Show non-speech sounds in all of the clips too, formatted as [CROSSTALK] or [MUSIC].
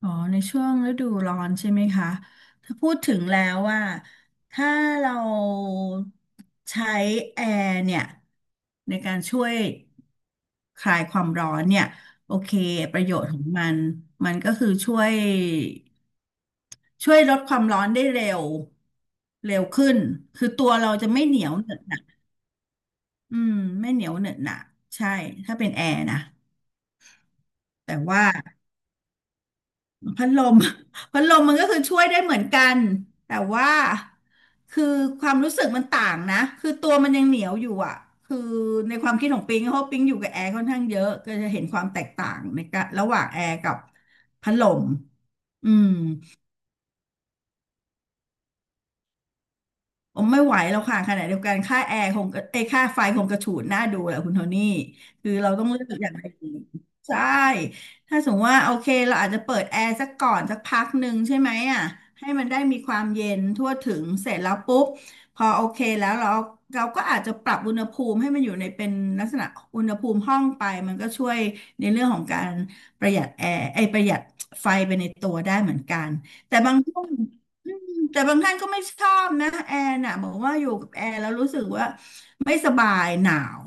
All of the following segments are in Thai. อ๋อในช่วงฤดูร้อนใช่ไหมคะถ้าพูดถึงแล้วว่าถ้าเราใช้แอร์เนี่ยในการช่วยคลายความร้อนเนี่ยโอเคประโยชน์ของมันมันก็คือช่วยลดความร้อนได้เร็วเร็วขึ้นคือตัวเราจะไม่เหนียวเหนอะหนะอืมไม่เหนียวเหนอะหนะใช่ถ้าเป็นแอร์นะแต่ว่า พัดลม [LAUGHS] พัดลมมันก็คือช่วยได้เหมือนกันแต่ว่าคือความรู้สึกมันต่างนะคือตัวมันยังเหนียวอยู่อ่ะคือในความคิดของปิงเพราะปิงอยู่กับแอร์ค่อนข้างเยอะก็จะเห็นความแตกต่างในการระหว่างแอร์กับพัดลมอืม ผมไม่ไหวแล้วค่ะขณะเดียวกันค่าแอร์คงก็เอยค่าไฟคงกระฉูดน่าดูแหละคุณโทนี่คือเราต้องเลือกอย่างไรดีใช่ถ้าสมมติว่าโอเคเราอาจจะเปิดแอร์สักก่อนสักพักหนึ่งใช่ไหมอ่ะให้มันได้มีความเย็นทั่วถึงเสร็จแล้วปุ๊บพอโอเคแล้วเราก็อาจจะปรับอุณหภูมิให้มันอยู่ในเป็นลักษณะอุณหภูมิห้องไปมันก็ช่วยในเรื่องของการประหยัดแอร์ไอยประหยัดไฟไปในตัวได้เหมือนกันแต่บางช่วง แต่บางท่านก็ไม่ชอบนะแอร์น่ะบอกว่าอยู่กับแอร์แล้วรู้สึกว่าไม่สบายหนาว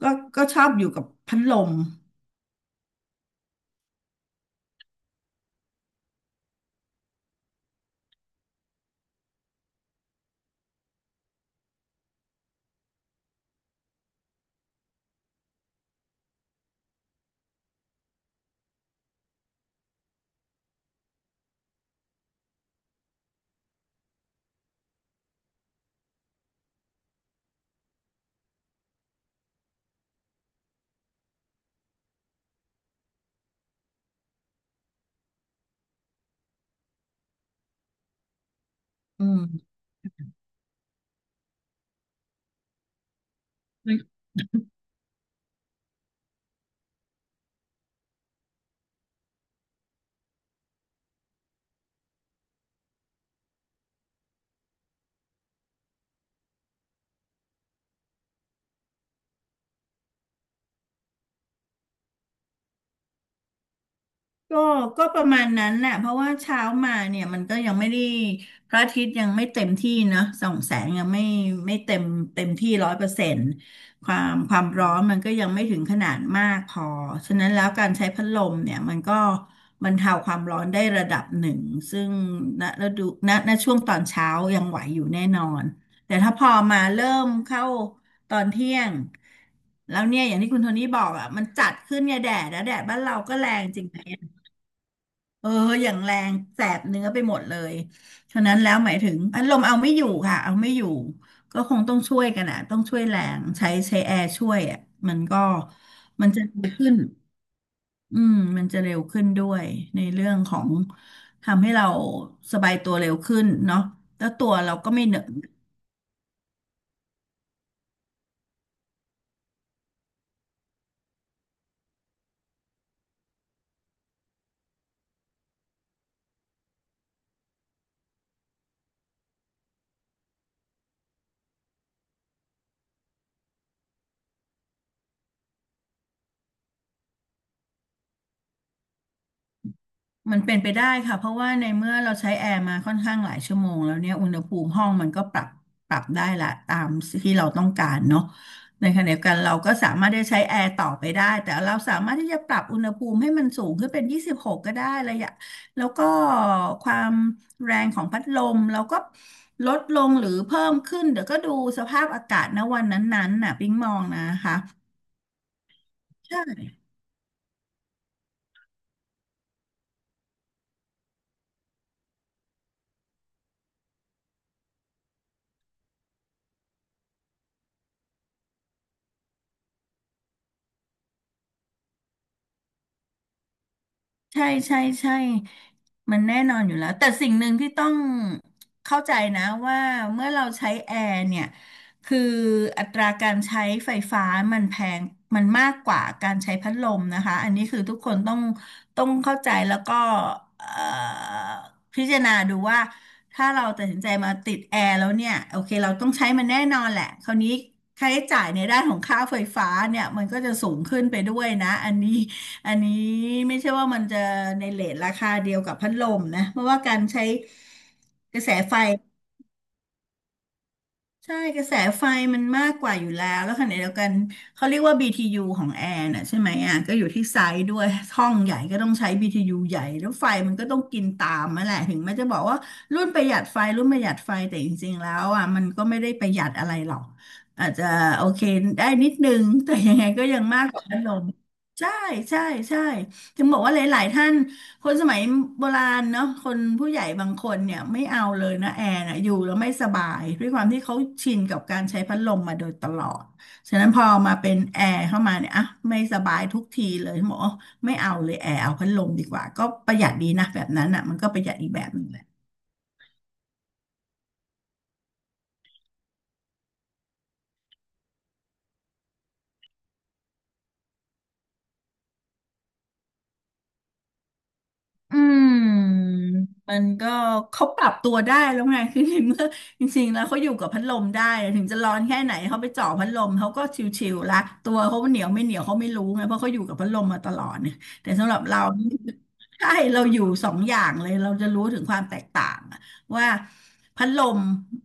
ก็ก็ชอบอยู่กับพัดลมอืม ก็ก็ประมาณนั้นแหละเพราะว่าเช้ามาเนี่ยมันก็ยังไม่ได้พระอาทิตย์ยังไม่เต็มที่นะส่องแสงยังไม่ไม่เต็มเต็มที่ร้อยเปอร์เซ็นต์ความร้อนมันก็ยังไม่ถึงขนาดมากพอฉะนั้นแล้วการใช้พัดลมเนี่ยมันก็บรรเทาความร้อนได้ระดับหนึ่งซึ่งณฤดูณช่วงตอนเช้ายังไหวอยู่แน่นอนแต่ถ้าพอมาเริ่มเข้าตอนเที่ยงแล้วเนี่ยอย่างที่คุณโทนี่บอกอ่ะมันจัดขึ้นเนี่ยแดดนะแดดบ้านเราก็แรงจริงไหม เอออย่างแรงแสบเนื้อไปหมดเลยฉะนั้นแล้วหมายถึงพัดลมเอาไม่อยู่ค่ะเอาไม่อยู่ก็คงต้องช่วยกันอ่ะต้องช่วยแรงใช้แอร์ช่วยอ่ะมันก็มันจะเร็วขึ้นอืมมันจะเร็วขึ้นด้วยในเรื่องของทำให้เราสบายตัวเร็วขึ้นเนาะแล้วตัวเราก็ไม่เหนอะ มันเป็นไปได้ค่ะเพราะว่าในเมื่อเราใช้แอร์มาค่อนข้างหลายชั่วโมงแล้วเนี่ยอุณหภูมิห้องมันก็ปรับได้ละตามที่เราต้องการเนาะในขณะเดียวกันเราก็สามารถได้ใช้แอร์ต่อไปได้แต่เราสามารถที่จะปรับอุณหภูมิให้มันสูงขึ้นเป็น26กก็ได้ระยะแล้วก็ความแรงของพัดลมเราก็ลดลงหรือเพิ่มขึ้นเดี๋ยวก็ดูสภาพอากาศณวันนั้นๆน่ะปิ๊งมองนะคะใช่ ใช่ใช่ใช่มันแน่นอนอยู่แล้วแต่สิ่งหนึ่งที่ต้องเข้าใจนะว่าเมื่อเราใช้แอร์เนี่ยคืออัตราการใช้ไฟฟ้ามันแพงมันมากกว่าการใช้พัดลมนะคะอันนี้คือทุกคนต้องเข้าใจแล้วก็เอ่อพิจารณาดูว่าถ้าเราตัดสินใจมาติดแอร์แล้วเนี่ยโอเคเราต้องใช้มันแน่นอนแหละคราวนี้ค่าใช้จ่ายในด้านของค่าไฟฟ้าเนี่ยมันก็จะสูงขึ้นไปด้วยนะอันนี้ อันนี้ไม่ใช่ว่ามันจะในเรทราคาเดียวกับพัดลมนะเพราะว่าการใช้กระแสไฟใช่กระแสไฟมันมากกว่าอยู่แล้วแล้วขณะเดียวกันเขาเรียกว่า b t ูของแอร์น่ะใช่ไหมอ่ะก็อยู่ที่ไซส์ด้วยห้องใหญ่ก็ต้องใช้ BTU ใหญ่แล้วไฟมันก็ต้องกินตามมาแหละถึงแม้จะบอกว่ารุ่นประหยัดไฟรุ่นประหยัดไฟแต่จริงๆแล้วอ่ะมันก็ไม่ได้ประหยัดอะไรหรอกอาจจะโอเคได้นิดนึงแต่ยังไงก็ยังมากกว่าพัดลมใช่ใช่ใช่ถึงบอกว่าหลายๆท่าน คนสมัยโบราณเนาะคนผู้ใหญ่บางคนเนี่ยไม่เอาเลยนะแอร์นะอยู่แล้วไม่สบายด้วยความที่เขาชินกับการใช้พัดลมมาโดยตลอดฉะนั้นพอมาเป็นแอร์เข้ามาเนี่ยอ่ะไม่สบายทุกทีเลยหมอกว่าไม่เอาเลยแอร์เอาพัดลมดีกว่าก็ประหยัดดีนะแบบนั้นอ่ะมันก็ประหยัดอีกแบบหนึงแหละ อืมมันก็เขาปรับตัวได้แล้วไง [LAUGHS] คือในเมื่อจริงๆแล้วเขาอยู่กับพัดลมได้ถึงจะร้อนแค่ไหนเขาไปเจ่อพัดลมเขาก็ชิวๆละตัวเขาเหนียวไม่เหนียวเขาไม่รู้ไงเพราะเขาอยู่กับพัดลมมาตลอดเนี่ยแต่สำหรับเรา [LAUGHS] ใช่เราอยู่สองอย่างเลยเราจะรู้ถึงความแตกต่างอะว่าพัดลม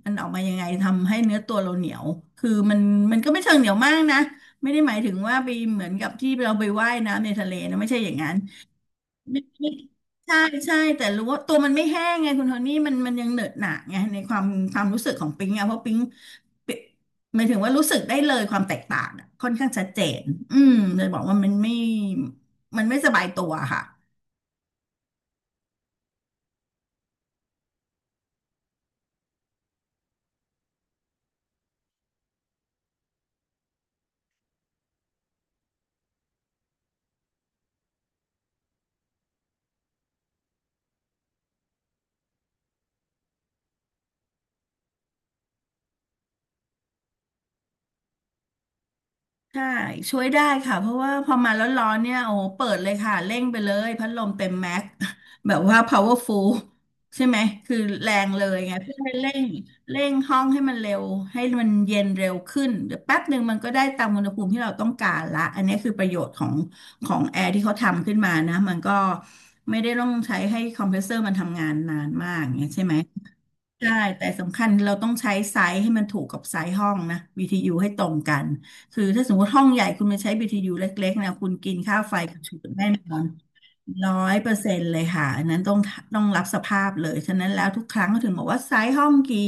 มันออกมายังไงทำให้เนื้อตัวเราเหนียวคือมันก็ไม่เชิงเหนียวมากนะไม่ได้หมายถึงว่าไปเหมือนกับที่เราไปว่ายน้ำในทะเลนะไม่ใช่อย่างนั้น ไม่ไม่ใช่ใช่แต่รู้ว่าตัวมันไม่แห้งไงคุณโทนี่มันยังเหนอะหนะไงในความความรู้สึกของปิ๊งอะเพราะปิ๊งปิ๊งหมายถึงว่ารู้สึกได้เลยความแตกต่างอะค่อนข้างชัดเจนอืมเลยบอกว่ามันไม่สบายตัวค่ะ ใช่ช่วยได้ค่ะเพราะว่าพอมาร้อนๆเนี่ยโอ้โหเปิดเลยค่ะเร่งไปเลยพัดลมเต็มแม็กซ์ [LAUGHS] แบบว่า powerful ใช่ไหมคือแรงเลยไงเพื่อให้เร่งเร่งห้องให้มันเร็วให้มันเย็นเร็วขึ้นเดี๋ยวแป๊บหนึ่งมันก็ได้ตามอุณหภูมิที่เราต้องการละอันนี้คือประโยชน์ของของแอร์ที่เขาทำขึ้นมานะมันก็ไม่ได้ต้องใช้ให้คอมเพรสเซอร์มันทำงานนานมากอย่างเงี้ยใช่ไหม ใช่ แต่สำคัญเราต้องใช้ไซส์ให้มันถูกกับไซส์ห้องนะ BTU ให้ตรงกัน คือถ้าสมมติห้องใหญ่คุณมาใช้ BTU เล็กๆนะคุณกินค่าไฟกับฉุดแน่นอน ร้อยเปอร์เซ็นต์เลยค่ะอันนั้นต้องรับสภาพเลยฉะนั้นแล้วทุกครั้งเขาถึงบอกว่าไซส์ห้องกี่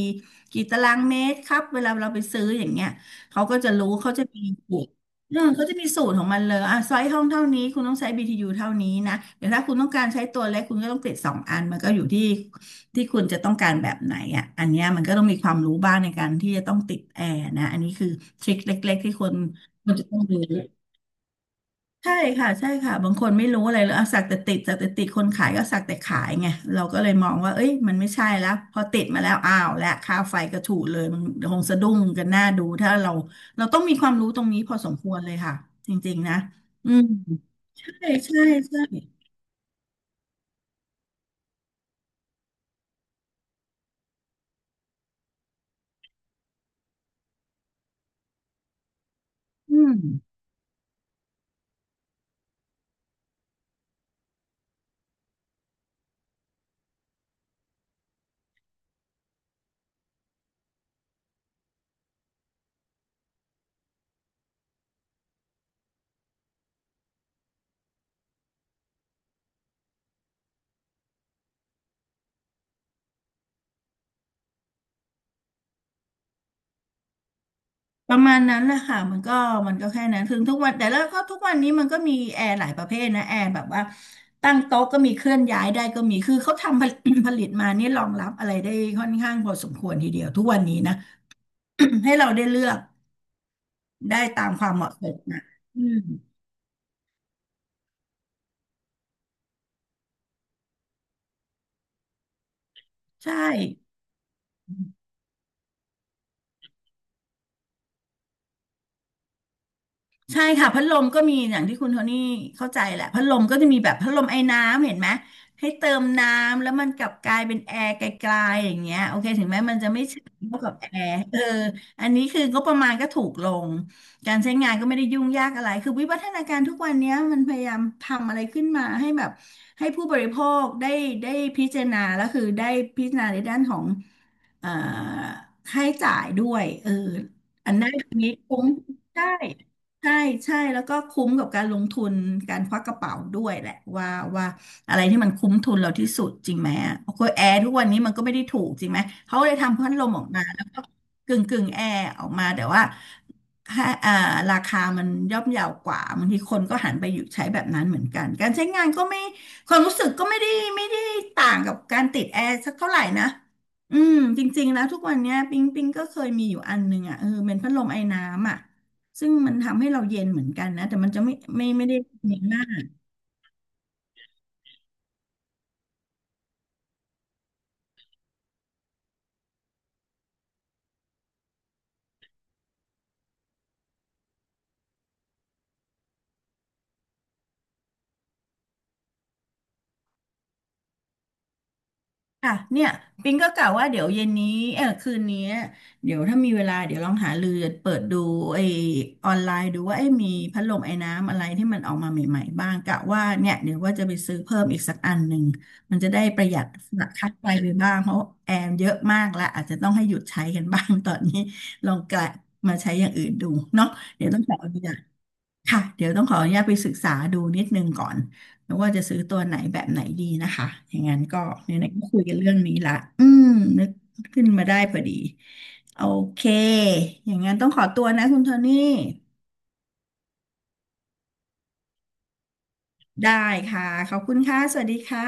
กี่ตารางเมตรครับเวลาเราไปซื้ออย่างเงี้ยเขาก็จะรู้เขาจะมีสูตรเขาจะมีสูตรของมันเลยอ่ะไซส์ห้องเท่านี้คุณต้องใช้ BTU เท่านี้นะเดี๋ยวถ้าคุณต้องการใช้ตัวเล็กคุณก็ต้องติดสองอันมันก็อยู่ที่ที่คุณจะต้องการแบบไหนอ่ะอันเนี้ยมันก็ต้องมีความรู้บ้างในการที่จะต้องติดแอร์นะอันนี้คือทริคเล็กๆที่คนควรจะต้องรู้ ใช่ค่ะใช่ค่ะบางคนไม่รู้อะไรเลยอะสักแต่ติดสักแต่ติดคนขายก็สักแต่ขายไงเราก็เลยมองว่าเอ้ยมันไม่ใช่แล้วพอติดมาแล้วอ้าวและค่าไฟก็ถูกเลยมันคงสะดุ้งกันหน้าดูถ้าเราต้องมีความรู้ตรงนี้พอสมควรเลยค่ะจริงๆนะอืมใช่ใช่ใช่อืม ประมาณนั้นแหละค่ะมันก็มันก็แค่นั้นถึงทุกวันแต่แล้วก็ทุกวันนี้มันก็มีแอร์หลายประเภทนะแอร์แบบว่าตั้งโต๊ะก็มีเคลื่อนย้ายได้ก็มีคือเขาทำผลิต [COUGHS] ผลิตมานี่รองรับอะไรได้ค่อนข้างพอสมควรทีเดียวทุกวันนี้นะ [COUGHS] ให้เราได้เลือกได้ตามความเหมาะสมนะอืมใช่ ใช่ค่ะพัดลมก็มีอย่างที่คุณโทนี่เข้าใจแหละพัดลมก็จะมีแบบพัดลมไอ้น้ำเห็นไหมให้เติมน้ำแล้วมันกลับกลายเป็นแอร์ไกลๆอย่างเงี้ยโอเคถึงแม้มันจะไม่ใช่เท่ากับแอร์เอออันนี้คืองบประมาณก็ถูกลงการใช้งานก็ไม่ได้ยุ่งยากอะไรคือวิวัฒนาการทุกวันเนี้ยมันพยายามทำอะไรขึ้นมาให้แบบให้ผู้บริโภคได้ได้พิจารณาแล้วคือได้พิจารณาในด้านของเอ่อค่าใช้จ่ายด้วยเอออันนั้นอันนี้คุ้มได้ ใช่ใช่แล้วก็คุ้มกับการลงทุนการควักกระเป๋าด้วยแหละว่าว่าอะไรที่มันคุ้มทุนเราที่สุดจริงไหมอ่ะโอ้โหแอร์ทุกวันนี้มันก็ไม่ได้ถูกจริงไหมเขาเลยทำพัดลมออกมาแล้วก็กึ่งกึ่งแอร์ออกมาแต่ว่าค่าอ่าราคามันย่อมเยาวกว่าบางทีคนก็หันไปอยู่ใช้แบบนั้นเหมือนกันการใช้งานก็ไม่ความรู้สึกก็ไม่ได้ต่างกับการติดแอร์สักเท่าไหร่นะอืมจริงๆแล้วทุกวันเนี้ยปิงปิงก็เคยมีอยู่อันหนึ่งอ่ะเออเป็นพัดลมไอน้ำอ่ะ ซึ่งมันทำให้เราเย็นเหมือนกันนะแต่มันจะไม่ไม่ได้เย็นมากค่ะเนี่ยปิงก็กะว่าเดี๋ยวเย็นนี้เออคืนนี้เดี๋ยวถ้ามีเวลาเดี๋ยวลองหาเรือเปิดดูไอออนไลน์ดูว่าไอยมีพัดลมไอน้ำอะไรที่มันออกมาใหม่ๆบ้างกะว่าเนี่ยเดี๋ยวว่าจะไปซื้อเพิ่มอีกสักอันหนึ่งมันจะได้ประหยัดค่าไฟไปบ้างเพราะแอร์เยอะมากแล้วอาจจะต้องให้หยุดใช้กันบ้างตอนนี้ลองกะมาใช้อย่างอื่นดูเนาะเดี๋ยวต้องขออนุญาต ค่ะเดี๋ยวต้องขออนุญาตไปศึกษาดูนิดนึงก่อนว่าจะซื้อตัวไหนแบบไหนดีนะคะอย่างนั้นก็ไหนๆก็คุยกันเรื่องนี้ละอืมนึกขึ้นมาได้พอดีโอเคอย่างนั้นต้องขอตัวนะคุณโทนี่ได้ค่ะขอบคุณค่ะสวัสดีค่ะ